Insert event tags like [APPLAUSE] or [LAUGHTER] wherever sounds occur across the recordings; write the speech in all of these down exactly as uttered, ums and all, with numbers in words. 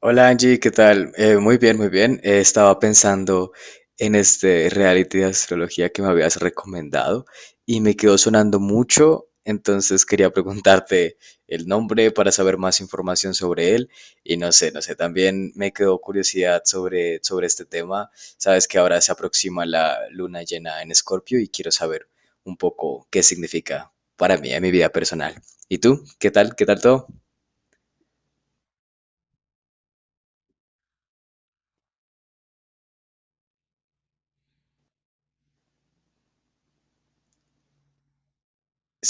Hola Angie, ¿qué tal? Eh, muy bien, muy bien. Eh, estaba pensando en este reality de astrología que me habías recomendado y me quedó sonando mucho, entonces quería [LAUGHS] preguntarte el nombre para saber más información sobre él y no sé, no sé, también me quedó curiosidad sobre, sobre este tema. Sabes que ahora se aproxima la luna llena en Escorpio y quiero saber un poco qué significa para mí en mi vida personal. ¿Y tú? ¿Qué tal? ¿Qué tal todo?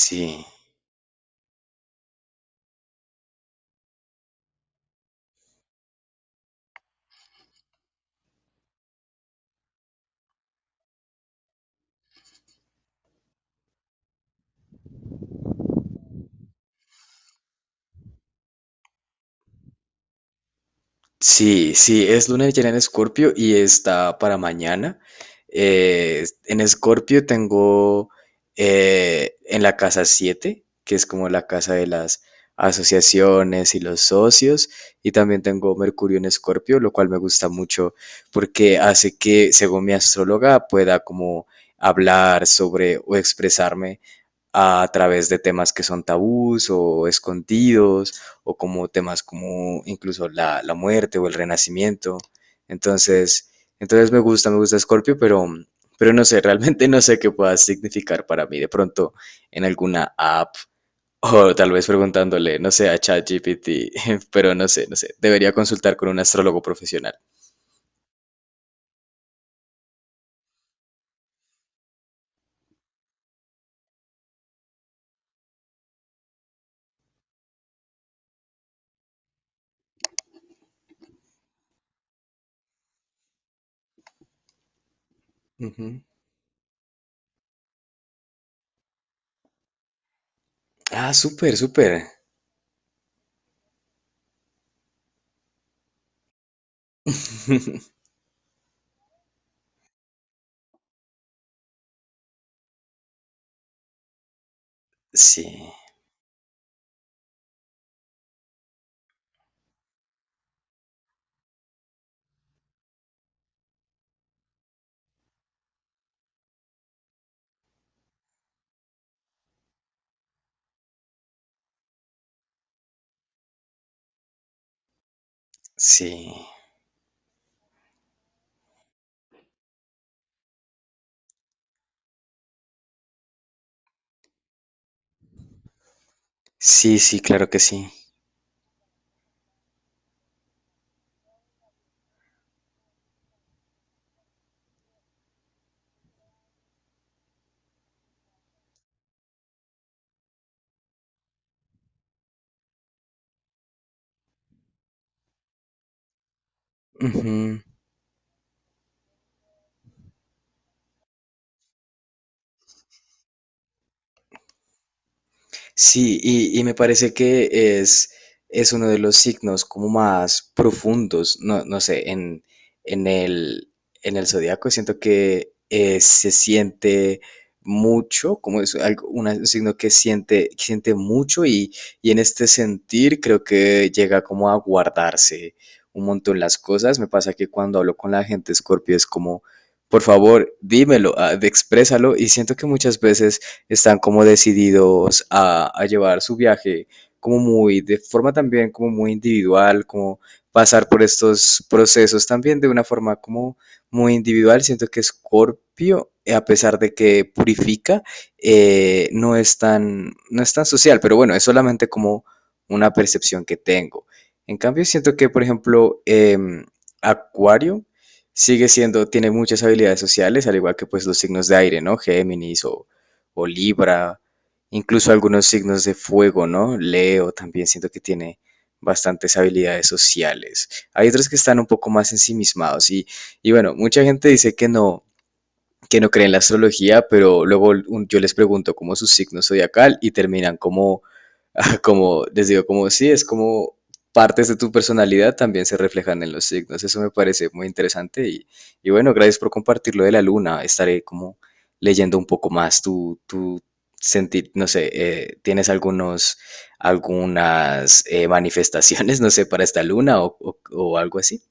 Sí. Sí, sí, es luna llena en Escorpio y está para mañana. Eh, en Escorpio tengo eh, en la casa siete, que es como la casa de las asociaciones y los socios, y también tengo Mercurio en Escorpio, lo cual me gusta mucho porque hace que, según mi astróloga, pueda como hablar sobre o expresarme a través de temas que son tabús o escondidos, o como temas como incluso la, la muerte o el renacimiento. Entonces, entonces me gusta, me gusta Scorpio, pero, pero no sé, [LAUGHS] realmente no sé qué pueda significar para mí. De pronto en alguna app o tal vez preguntándole, no sé, a ChatGPT, [LAUGHS] pero no sé, no sé, debería consultar con un astrólogo profesional. Ujú. Ah, súper, súper. [LAUGHS] Sí, sí, sí, sí, claro que sí. Ujú. Sí, y, y me parece que es, es uno de los signos como más profundos, no, no sé, en, en el, en el zodiaco siento que eh, se siente mucho, como es algo, una- un signo que siente, que siente mucho y, y en este sentir creo que llega como a guardarse un montón las cosas. Me pasa que cuando hablo con la gente Scorpio es como, por favor, dímelo, ah, de- exprésalo y siento que muchas veces están como decididos a, a llevar su viaje como muy, de forma también como muy individual, como pasar por estos procesos también de una forma como muy individual. Siento que Scorpio, eh, a pesar de que purifica, eh, no, es tan, no es tan social, pero bueno, es solamente como una percepción que tengo. En cambio, siento que, por ejemplo, em, Acuario sigue siendo, tiene muchas habilidades sociales, al igual que pues los signos de aire, ¿no? Géminis o o Libra, incluso algunos signos de fuego, ¿no? Leo también siento que tiene bastantes habilidades sociales. Hay otros que están un poco más ensimismados y, y bueno, mucha gente dice que no, que no creen en la astrología, pero luego un- yo les pregunto como su signo zodiacal y terminan como, [LAUGHS] como, les digo, como sí, es como partes de tu personalidad también se reflejan en los signos. Eso me parece muy interesante y, y bueno, gracias por compartirlo de la luna. Estaré como leyendo un poco más tú tú sentir, no sé, eh, ¿tienes algunos, algunas eh, manifestaciones, [LAUGHS] no sé, para esta luna o, o o algo así?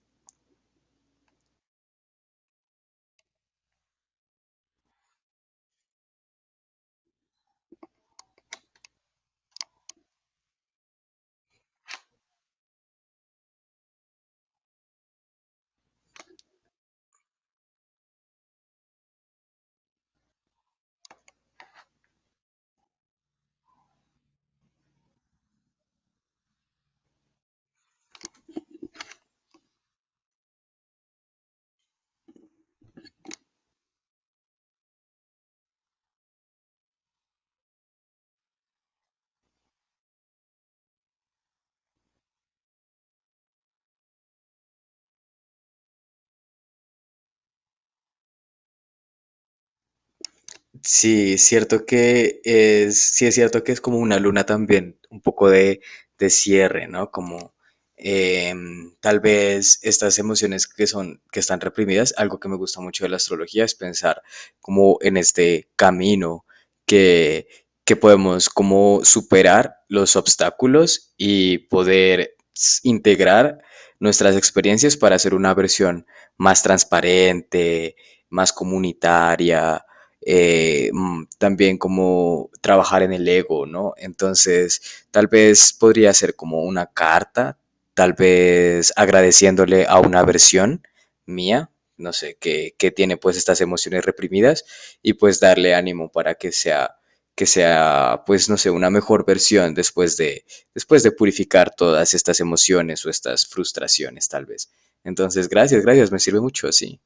Sí, es cierto que es, sí es cierto que es como una luna también, un poco de, de cierre, ¿no? Como em, tal vez estas emociones que son, que están reprimidas, algo que me gusta mucho de la astrología es pensar como en este camino que, que podemos como superar los obstáculos y poder s- integrar nuestras experiencias para hacer una versión más transparente, más comunitaria eh, mm, también como trabajar en el ego, ¿no? Entonces, tal vez podría ser como una carta, tal vez agradeciéndole a una versión mía, no sé, que, que tiene pues estas emociones reprimidas y pues darle ánimo para que sea, que sea pues no sé, una mejor versión después de, después de purificar todas estas emociones o estas frustraciones tal vez. Entonces, gracias, gracias, me sirve mucho, sí.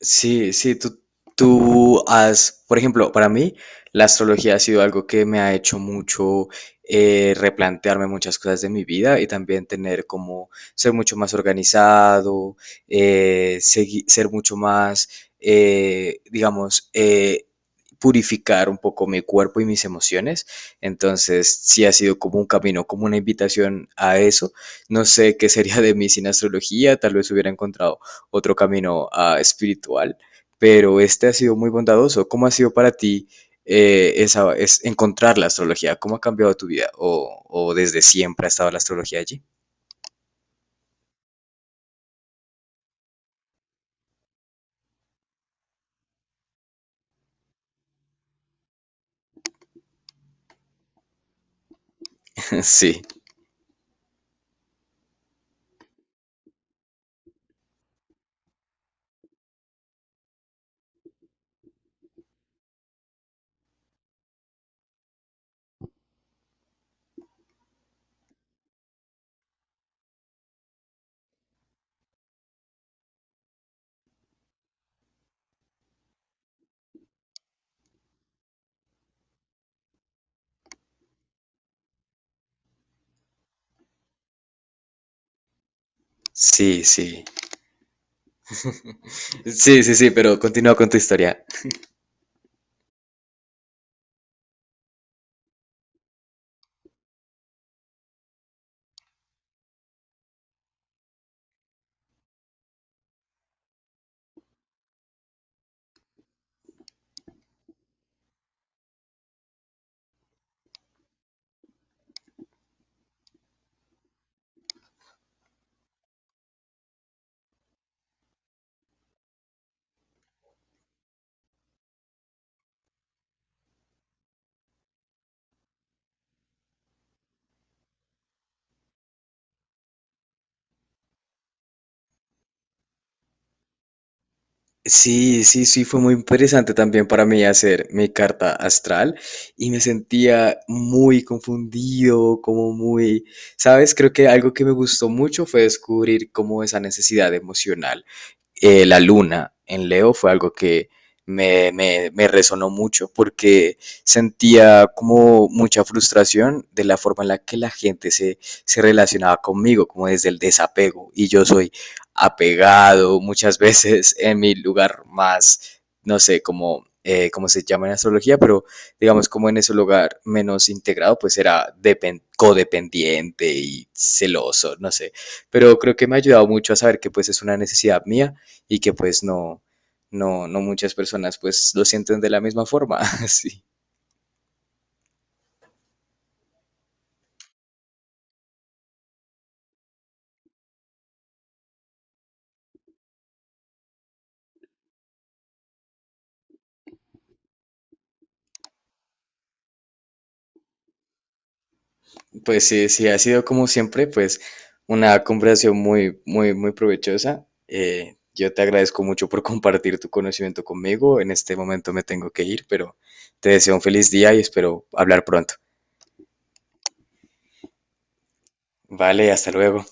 Sí, sí, tú, tú has, por ejemplo, para mí la astrología ha sido algo que me ha hecho mucho eh, replantearme muchas cosas de mi vida y también tener como ser mucho más organizado, eh, segui- ser mucho más, eh, digamos, eh, purificar un poco mi cuerpo y mis emociones. Entonces, sí ha sido como un camino, como una invitación a eso. No sé qué sería de mí sin astrología, tal vez hubiera encontrado otro camino ah, espiritual, pero este ha sido muy bondadoso. ¿Cómo ha sido para ti eh, esa, es encontrar la astrología? ¿Cómo ha cambiado tu vida? ¿O, o desde siempre ha estado la astrología allí? [LAUGHS] Sí, sí, sí. Sí, sí, sí, pero continúa con tu historia. Sí, sí, sí, fue muy interesante también para mí hacer mi carta astral y me sentía muy confundido, como muy, ¿sabes? Creo que algo que me gustó mucho fue descubrir cómo esa necesidad emocional, eh, la luna en Leo fue algo que me, me, me resonó mucho porque sentía como mucha frustración de la forma en la que la gente se, se relacionaba conmigo, como desde el desapego. Y yo soy apegado muchas [LAUGHS] veces en mi lugar más, no sé, como eh, como se llama en astrología, pero digamos como en ese lugar menos integrado, pues era codependiente y celoso, no sé. Pero creo que me ha ayudado mucho a saber que pues es una necesidad mía y que pues no, no, no muchas personas pues lo sienten de la misma forma. [LAUGHS] Sí. Pues sí, sí, ha sido como siempre pues una conversación muy, muy, muy provechosa. Eh, yo te agradezco mucho por compartir tu conocimiento conmigo. En este momento me tengo que ir, pero te deseo un feliz día y espero hablar pronto. Vale, hasta luego.